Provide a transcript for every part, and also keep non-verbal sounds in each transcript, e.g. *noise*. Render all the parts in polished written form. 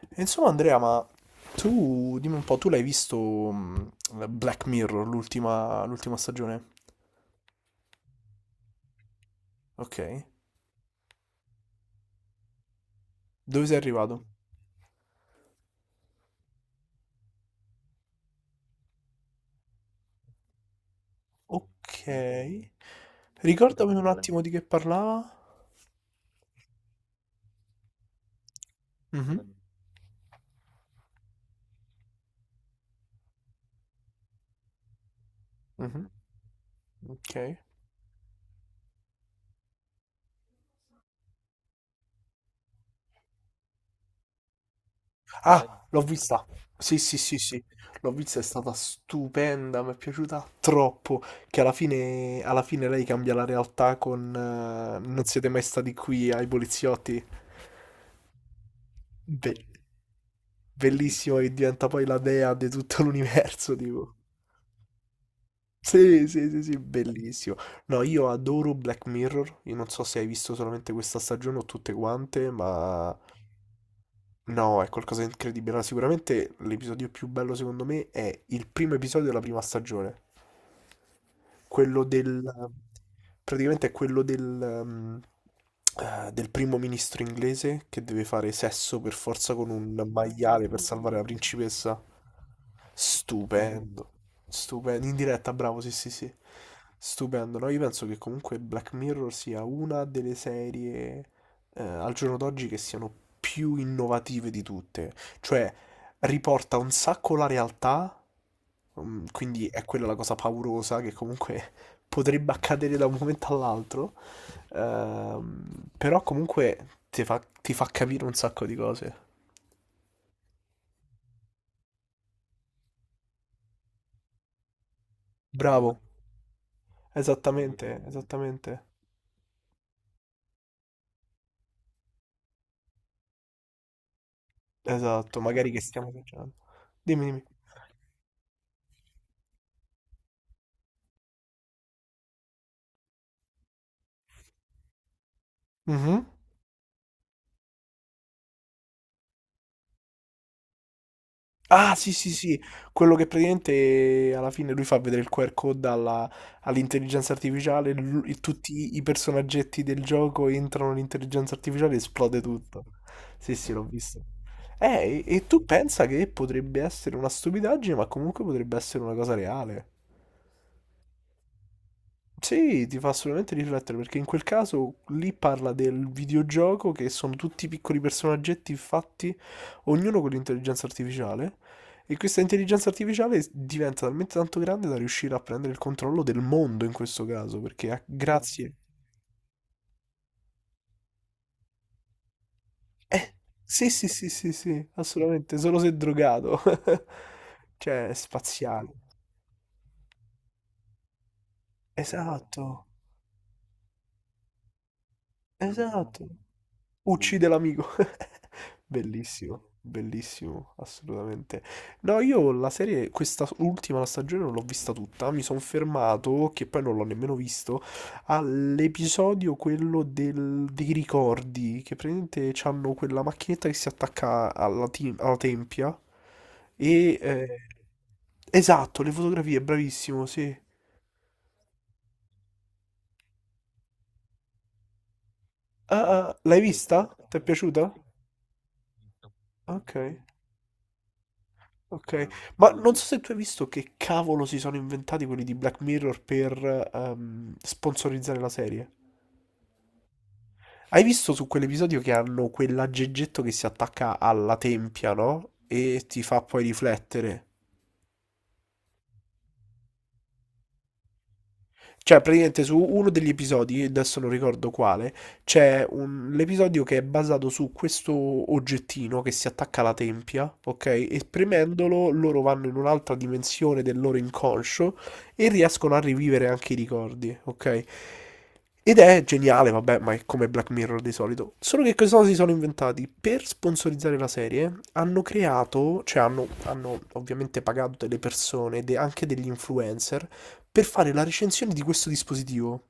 Insomma, Andrea, ma tu dimmi un po', tu l'hai visto Black Mirror, l'ultima stagione? Ok. Dove sei arrivato? Ok. Ricordami un Quale? Attimo di che parlava. Mhm, mhm, Ok. Quale? Ah, l'ho vista. Sì, sì, sì, sì. L'ho vista, è stata stupenda, mi è piaciuta troppo. Che alla fine lei cambia la realtà con Non siete mai stati qui ai poliziotti. Beh, bellissimo che diventa poi la dea di tutto l'universo, tipo. Sì, sì, sì, sì, bellissimo. No, io adoro Black Mirror. Io non so se hai visto solamente questa stagione o tutte quante, ma no, è qualcosa di incredibile. Allora, sicuramente l'episodio più bello secondo me è il primo episodio della prima stagione. Quello del... praticamente è quello del, del primo ministro inglese che deve fare sesso per forza con un maiale per salvare la principessa. Stupendo, stupendo, in diretta, bravo, sì, sì, sì. Stupendo, no? Io penso che comunque Black Mirror sia una delle serie al giorno d'oggi che siano più innovative di tutte. Cioè, riporta un sacco la realtà. Mm, quindi è quella la cosa paurosa che comunque *laughs* potrebbe accadere da un momento all'altro. Però comunque ti fa capire un sacco di cose. Bravo, esattamente, esattamente. Esatto, magari che stiamo esagerando. Dimmi, dimmi. Mhm. Ah, sì, sì, sì, quello che praticamente alla fine lui fa vedere il QR code all'intelligenza artificiale, e tutti i personaggetti del gioco entrano nell'intelligenza artificiale e esplode tutto. Sì, sì, l'ho visto. E tu pensa che potrebbe essere una stupidaggine, ma comunque potrebbe essere una cosa reale. Sì, ti fa assolutamente riflettere perché in quel caso lì parla del videogioco che sono tutti piccoli personaggetti fatti, ognuno con l'intelligenza artificiale, e questa intelligenza artificiale diventa talmente tanto grande da riuscire a prendere il controllo del mondo in questo caso, perché grazie... Eh, sì, sì, sì, sì, sì, assolutamente, solo se è drogato. *laughs* Cioè, è spaziale. Esatto, esatto. Uccide l'amico. *laughs* Bellissimo, bellissimo, assolutamente. No, io la serie, questa ultima la stagione non l'ho vista tutta, mi sono fermato, che poi non l'ho nemmeno visto, all'episodio quello dei ricordi, che praticamente hanno quella macchinetta che si attacca alla, alla tempia e... eh, esatto, le fotografie, bravissimo, sì. Ah, ah, l'hai vista? Ti è piaciuta? Ok. Ok, ma non so se tu hai visto che cavolo si sono inventati quelli di Black Mirror per sponsorizzare la serie. Hai visto su quell'episodio che hanno quell'aggeggetto che si attacca alla tempia, no? E ti fa poi riflettere. Cioè, praticamente su uno degli episodi, adesso non ricordo quale, l'episodio che è basato su questo oggettino che si attacca alla tempia, ok? E premendolo loro vanno in un'altra dimensione del loro inconscio e riescono a rivivere anche i ricordi, ok? Ed è geniale, vabbè, ma è come Black Mirror di solito. Solo che cosa si sono inventati? Per sponsorizzare la serie hanno creato, cioè hanno ovviamente pagato delle persone, anche degli influencer, per fare la recensione di questo dispositivo.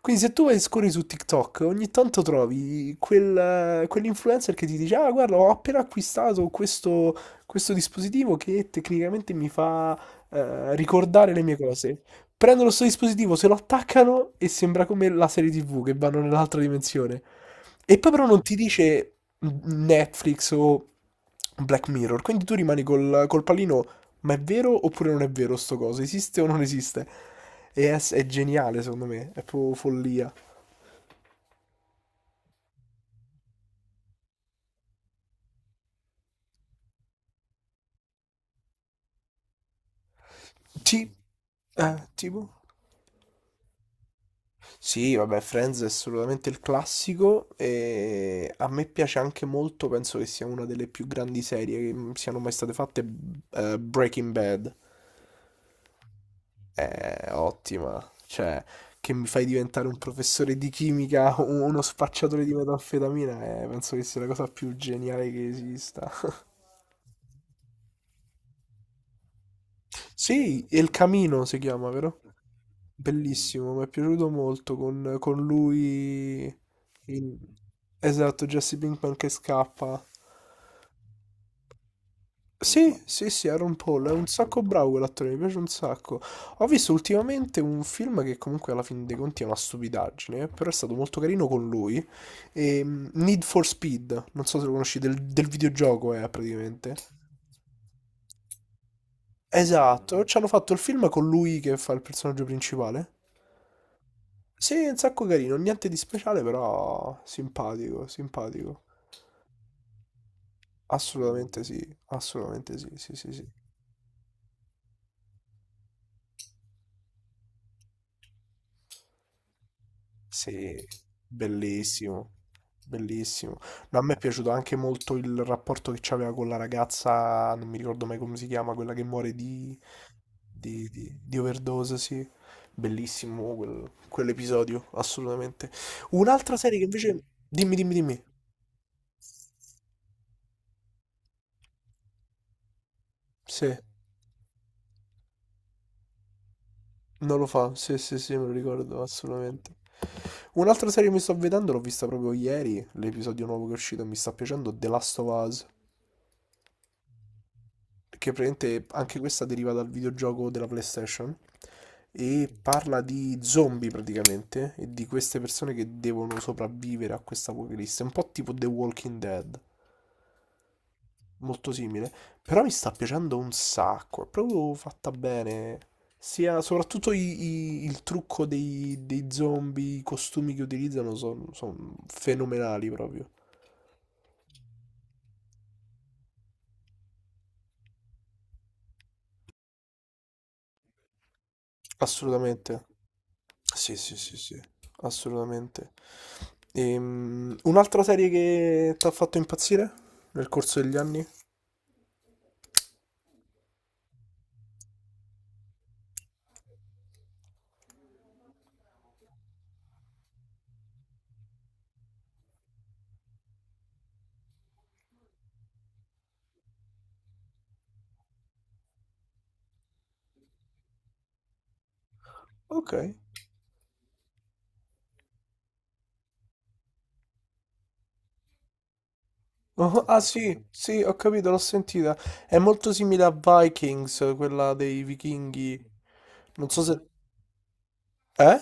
Quindi se tu vai e scorri su TikTok, ogni tanto trovi quell'influencer che ti dice, ah guarda, ho appena acquistato questo, questo dispositivo che tecnicamente mi fa ricordare le mie cose. Prendono questo dispositivo, se lo attaccano e sembra come la serie TV che vanno nell'altra dimensione. E poi però non ti dice Netflix o Black Mirror, quindi tu rimani col pallino ma è vero oppure non è vero sto coso? Esiste o non esiste? È geniale, secondo me. È proprio follia. Sì. Tipo? Sì, vabbè, Friends è assolutamente il classico e a me piace anche molto, penso che sia una delle più grandi serie che siano mai state fatte, Breaking Bad. È ottima, cioè, che mi fai diventare un professore di chimica o uno spacciatore di metanfetamina, penso che sia la cosa più geniale che esista. Sì, El Camino si chiama, vero? Bellissimo, mi è piaciuto molto con lui. in- Esatto, Jesse Pinkman che scappa. Sì, sì, sì, Aaron Paul è un sacco bravo quell'attore, mi piace un sacco. Ho visto ultimamente un film che comunque alla fine dei conti è una stupidaggine, però è stato molto carino con lui. Need for Speed, non so se lo conosci, del videogioco è praticamente. Esatto, ci hanno fatto il film con lui che fa il personaggio principale. Sì, è un sacco carino, niente di speciale, però simpatico, simpatico. Assolutamente sì, assolutamente sì, sì, sì, sì. Sì, bellissimo, bellissimo. No, a me è piaciuto anche molto il rapporto che c'aveva con la ragazza, non mi ricordo mai come si chiama, quella che muore di overdose, sì. Bellissimo quell'episodio, assolutamente. Un'altra serie che invece... Dimmi, dimmi, dimmi. Sì. Non lo fa, sì, sì, sì, me lo ricordo assolutamente. Un'altra serie che mi sto vedendo, l'ho vista proprio ieri, l'episodio nuovo che è uscito, e mi sta piacendo, The Last of Us, che praticamente anche questa deriva dal videogioco della PlayStation e parla di zombie praticamente e di queste persone che devono sopravvivere a questa apocalisse, un po' tipo The Walking Dead. Molto simile, però mi sta piacendo un sacco, è proprio fatta bene. Sia soprattutto il trucco dei zombie, i costumi che utilizzano sono fenomenali proprio. Assolutamente. Sì, sì, sì, sì, assolutamente. Un'altra serie che ti ha fatto impazzire nel corso degli anni? Ok. Oh, ah sì, sì, ho capito, l'ho sentita. È molto simile a Vikings, quella dei vichinghi. Non so se... Eh?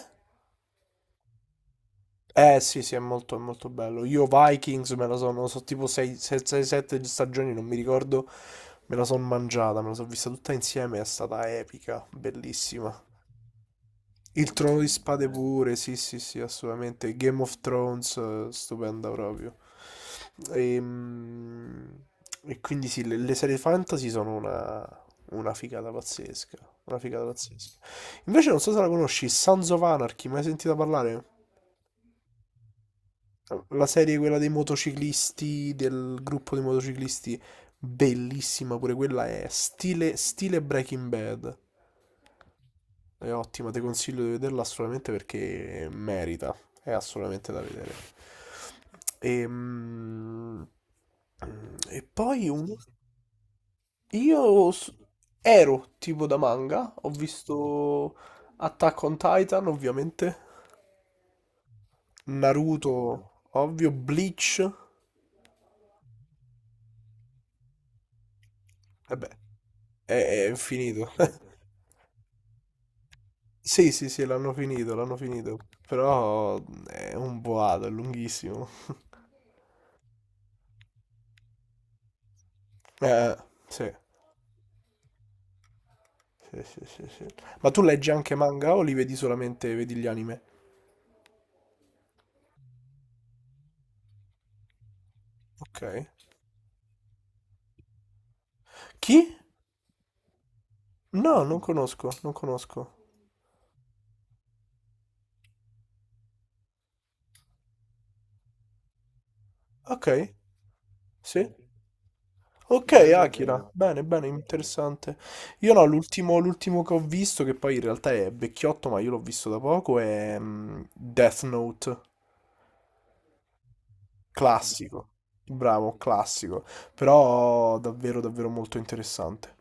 Eh sì, sì, è molto bello. Io Vikings me la sono, so tipo 6-7 stagioni, non mi ricordo, me la sono mangiata, me la sono vista tutta insieme, è stata epica, bellissima. Il Trono di Spade pure, sì, sì, sì, assolutamente. Game of Thrones, stupenda proprio. Ehm, quindi sì, le serie fantasy sono una figata pazzesca, una figata pazzesca. Invece non so se la conosci, Sons of Anarchy, mai sentita parlare? La serie quella dei motociclisti, del gruppo di motociclisti, bellissima pure quella è stile, stile Breaking Bad. È ottima, ti consiglio di vederla assolutamente perché merita, è assolutamente da vedere. Ehm, E, poi un- io ero tipo da manga, ho visto Attack on Titan ovviamente, Naruto, ovvio, Bleach, beh, è finito. *laughs* Sì, sì, sì, l'hanno finito, l'hanno finito. Però è un boato, è lunghissimo. Eh, sì. Sì, sì, sì, sì. Ma tu leggi anche manga o li vedi solamente, vedi gli anime? Ok. Chi? No, non conosco, non conosco. Ok, sì. Ok, Akira. Bene, bene, interessante. Io no, l'ultimo che ho visto, che poi in realtà è vecchiotto, ma io l'ho visto da poco, è Death Note. Classico, bravo, classico, però davvero davvero molto interessante.